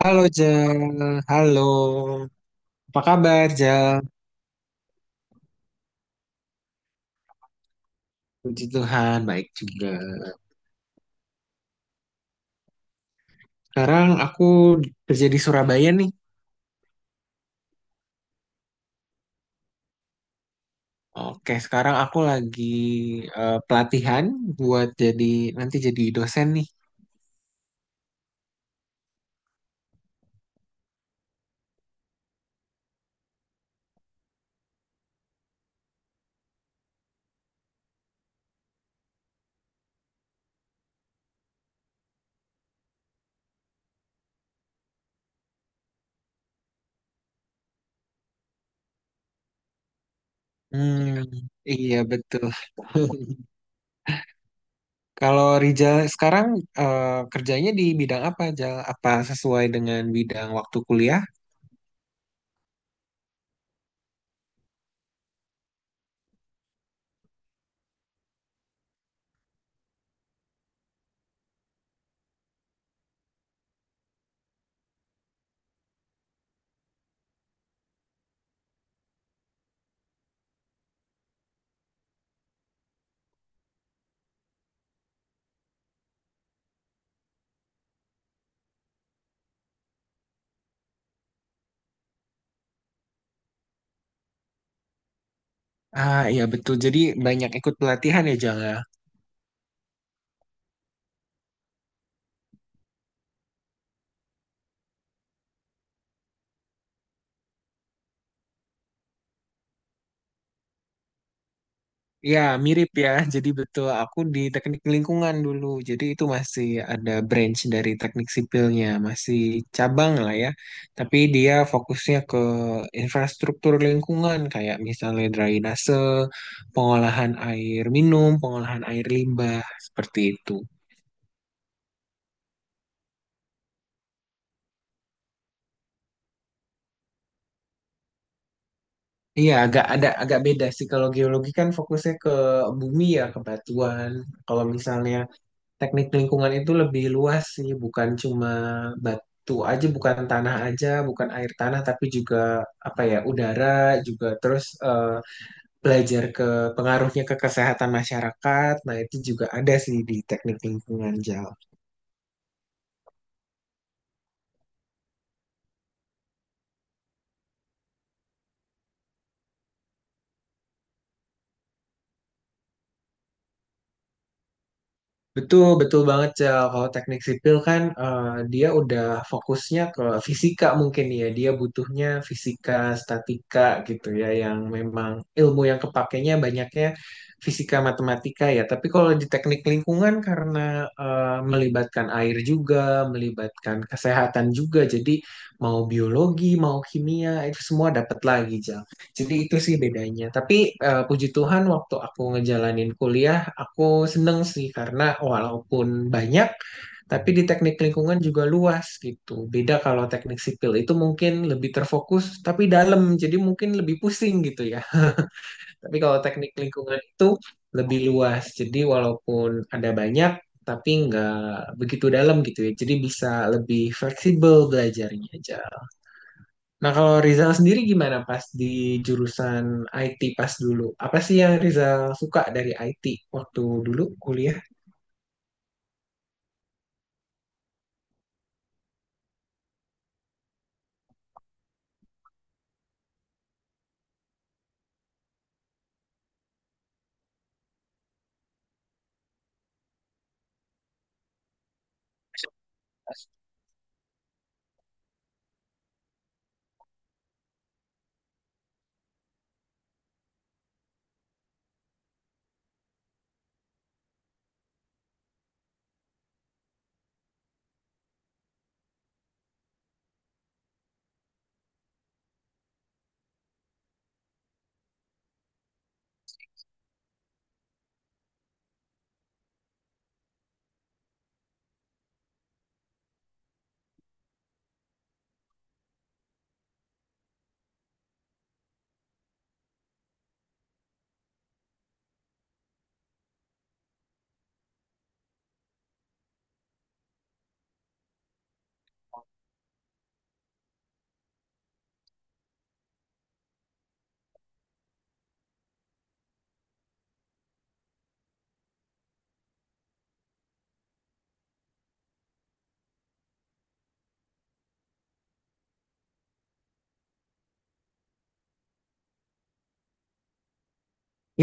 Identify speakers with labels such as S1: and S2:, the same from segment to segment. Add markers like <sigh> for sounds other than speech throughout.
S1: Halo Jal, halo. Apa kabar Jal? Puji Tuhan, baik juga. Sekarang aku kerja di Surabaya nih. Oke, sekarang aku lagi pelatihan buat jadi nanti jadi dosen nih. Hmm, iya betul. <laughs> Kalau Rijal sekarang eh, kerjanya di bidang apa Jal? Apa sesuai dengan bidang waktu kuliah? Ah, iya betul. Jadi banyak ikut pelatihan ya, Jala. Ya, mirip ya. <laughs> Jadi betul, aku di teknik lingkungan dulu. Jadi itu masih ada branch dari teknik sipilnya, masih cabang lah ya. Tapi dia fokusnya ke infrastruktur lingkungan, kayak misalnya drainase, pengolahan air minum, pengolahan air limbah, seperti itu. Iya, agak ada agak beda sih. Kalau geologi kan fokusnya ke bumi ya, ke batuan. Kalau misalnya teknik lingkungan itu lebih luas sih, bukan cuma batu aja, bukan tanah aja, bukan air tanah, tapi juga apa ya, udara juga terus belajar ke pengaruhnya ke kesehatan masyarakat. Nah, itu juga ada sih di teknik lingkungan Jal. Betul, betul banget, Cel. Kalau teknik sipil kan dia udah fokusnya ke fisika mungkin ya. Dia butuhnya fisika, statika gitu ya, yang memang ilmu yang kepakainya banyaknya fisika, matematika ya. Tapi kalau di teknik lingkungan karena melibatkan air juga, melibatkan kesehatan juga, jadi mau biologi, mau kimia, itu semua dapat lagi, Cel. Jadi itu sih bedanya. Tapi puji Tuhan waktu aku ngejalanin kuliah, aku seneng sih karena walaupun banyak, tapi di teknik lingkungan juga luas gitu. Beda kalau teknik sipil itu mungkin lebih terfokus tapi dalam, jadi mungkin lebih pusing gitu ya. Tapi kalau teknik lingkungan itu lebih luas, jadi walaupun ada banyak, tapi nggak begitu dalam gitu ya. Jadi bisa lebih fleksibel belajarnya aja. Nah, kalau Rizal sendiri gimana pas di jurusan IT pas dulu? Apa sih yang Rizal suka dari IT waktu dulu kuliah?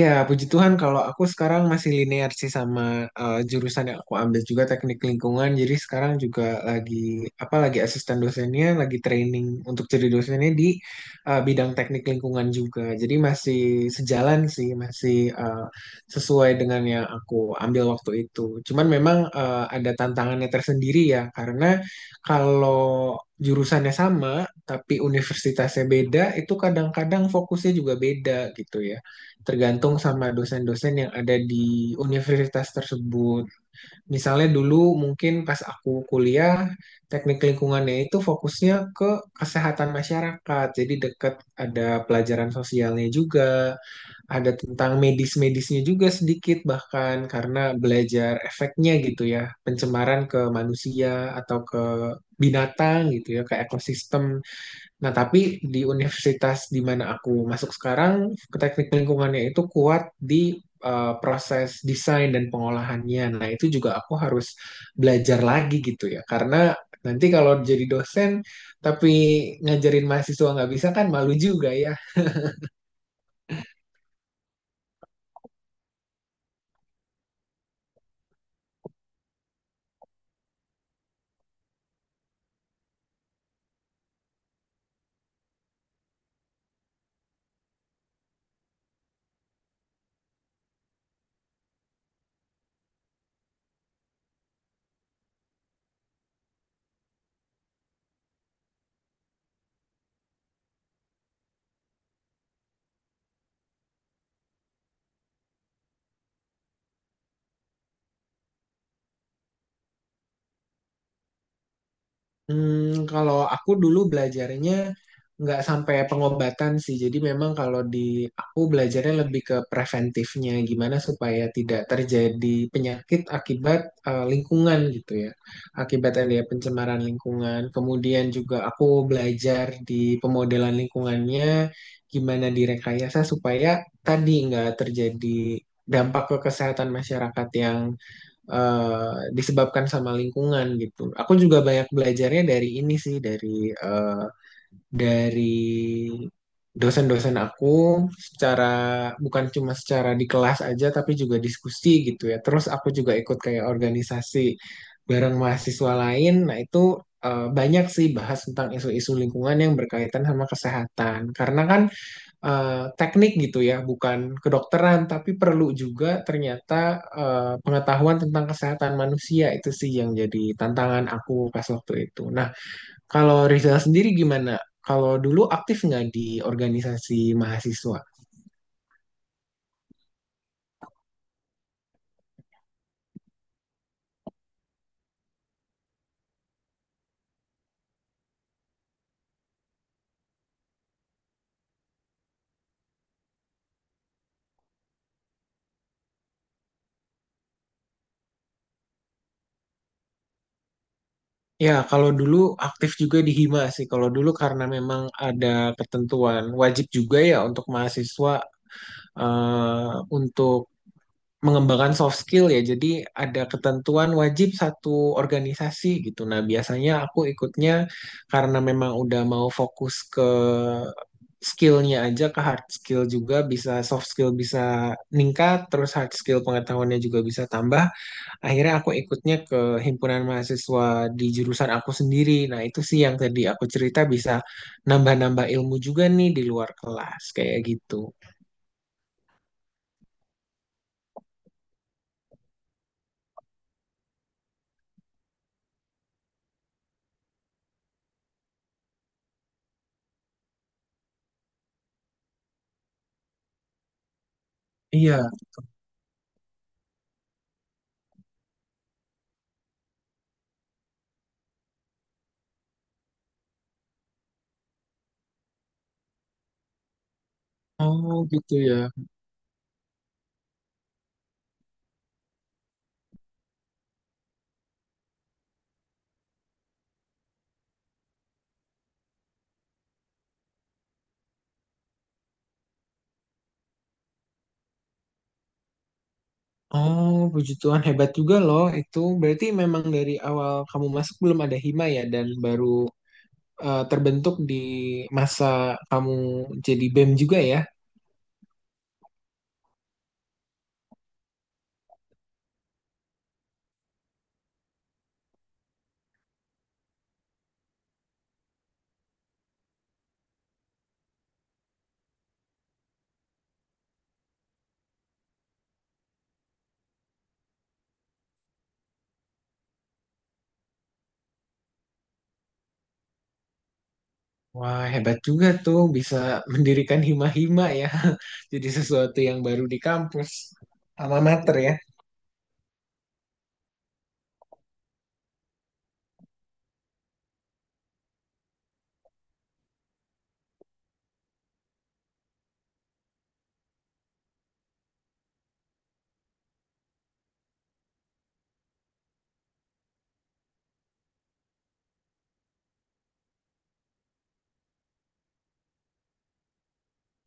S1: Ya, puji Tuhan kalau aku sekarang masih linear sih sama jurusan yang aku ambil juga teknik lingkungan. Jadi sekarang juga lagi apa lagi asisten dosennya, lagi training untuk jadi dosennya di bidang teknik lingkungan juga. Jadi masih sejalan sih, masih sesuai dengan yang aku ambil waktu itu. Cuman memang ada tantangannya tersendiri ya, karena kalau jurusannya sama tapi universitasnya beda, itu kadang-kadang fokusnya juga beda gitu ya tergantung sama dosen-dosen yang ada di universitas tersebut. Misalnya dulu mungkin pas aku kuliah, teknik lingkungannya itu fokusnya ke kesehatan masyarakat. Jadi deket ada pelajaran sosialnya juga, ada tentang medis-medisnya juga sedikit bahkan karena belajar efeknya gitu ya, pencemaran ke manusia atau ke binatang gitu ya, ke ekosistem. Nah, tapi di universitas di mana aku masuk sekarang, teknik lingkungannya itu kuat di proses desain dan pengolahannya. Nah, itu juga aku harus belajar lagi gitu ya. Karena nanti kalau jadi dosen tapi ngajarin mahasiswa nggak bisa kan malu juga ya. Hmm, kalau aku dulu belajarnya nggak sampai pengobatan sih. Jadi memang kalau di aku belajarnya lebih ke preventifnya, gimana supaya tidak terjadi penyakit akibat lingkungan gitu ya. Akibat ada pencemaran lingkungan. Kemudian juga aku belajar di pemodelan lingkungannya, gimana direkayasa supaya tadi nggak terjadi dampak ke kesehatan masyarakat yang disebabkan sama lingkungan gitu. Aku juga banyak belajarnya dari ini sih, dari dari dosen-dosen aku secara bukan cuma secara di kelas aja tapi juga diskusi gitu ya. Terus aku juga ikut kayak organisasi bareng mahasiswa lain. Nah, itu banyak sih bahas tentang isu-isu lingkungan yang berkaitan sama kesehatan. Karena kan teknik gitu ya, bukan kedokteran, tapi perlu juga ternyata pengetahuan tentang kesehatan manusia itu sih yang jadi tantangan aku pas waktu itu. Nah, kalau Rizal sendiri gimana? Kalau dulu aktif nggak di organisasi mahasiswa? Ya, kalau dulu aktif juga di Hima sih. Kalau dulu karena memang ada ketentuan wajib juga ya untuk mahasiswa eh, untuk mengembangkan soft skill ya. Jadi ada ketentuan wajib satu organisasi gitu. Nah, biasanya aku ikutnya karena memang udah mau fokus ke skillnya aja ke hard skill juga bisa soft skill bisa meningkat terus hard skill pengetahuannya juga bisa tambah akhirnya aku ikutnya ke himpunan mahasiswa di jurusan aku sendiri. Nah itu sih yang tadi aku cerita, bisa nambah-nambah ilmu juga nih di luar kelas kayak gitu. Iya, oh gitu ya. Oh, puji Tuhan hebat juga loh itu. Berarti memang dari awal kamu masuk belum ada hima ya dan baru terbentuk di masa kamu jadi BEM juga ya. Wah, hebat juga tuh bisa mendirikan hima-hima ya. <laughs> Jadi sesuatu yang baru di kampus. Alma mater ya.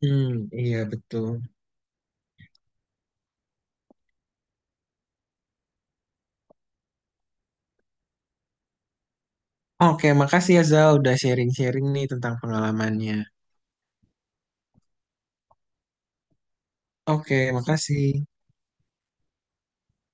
S1: Hmm, iya betul. Oke, makasih ya Zal udah sharing-sharing nih tentang pengalamannya. Oke, makasih.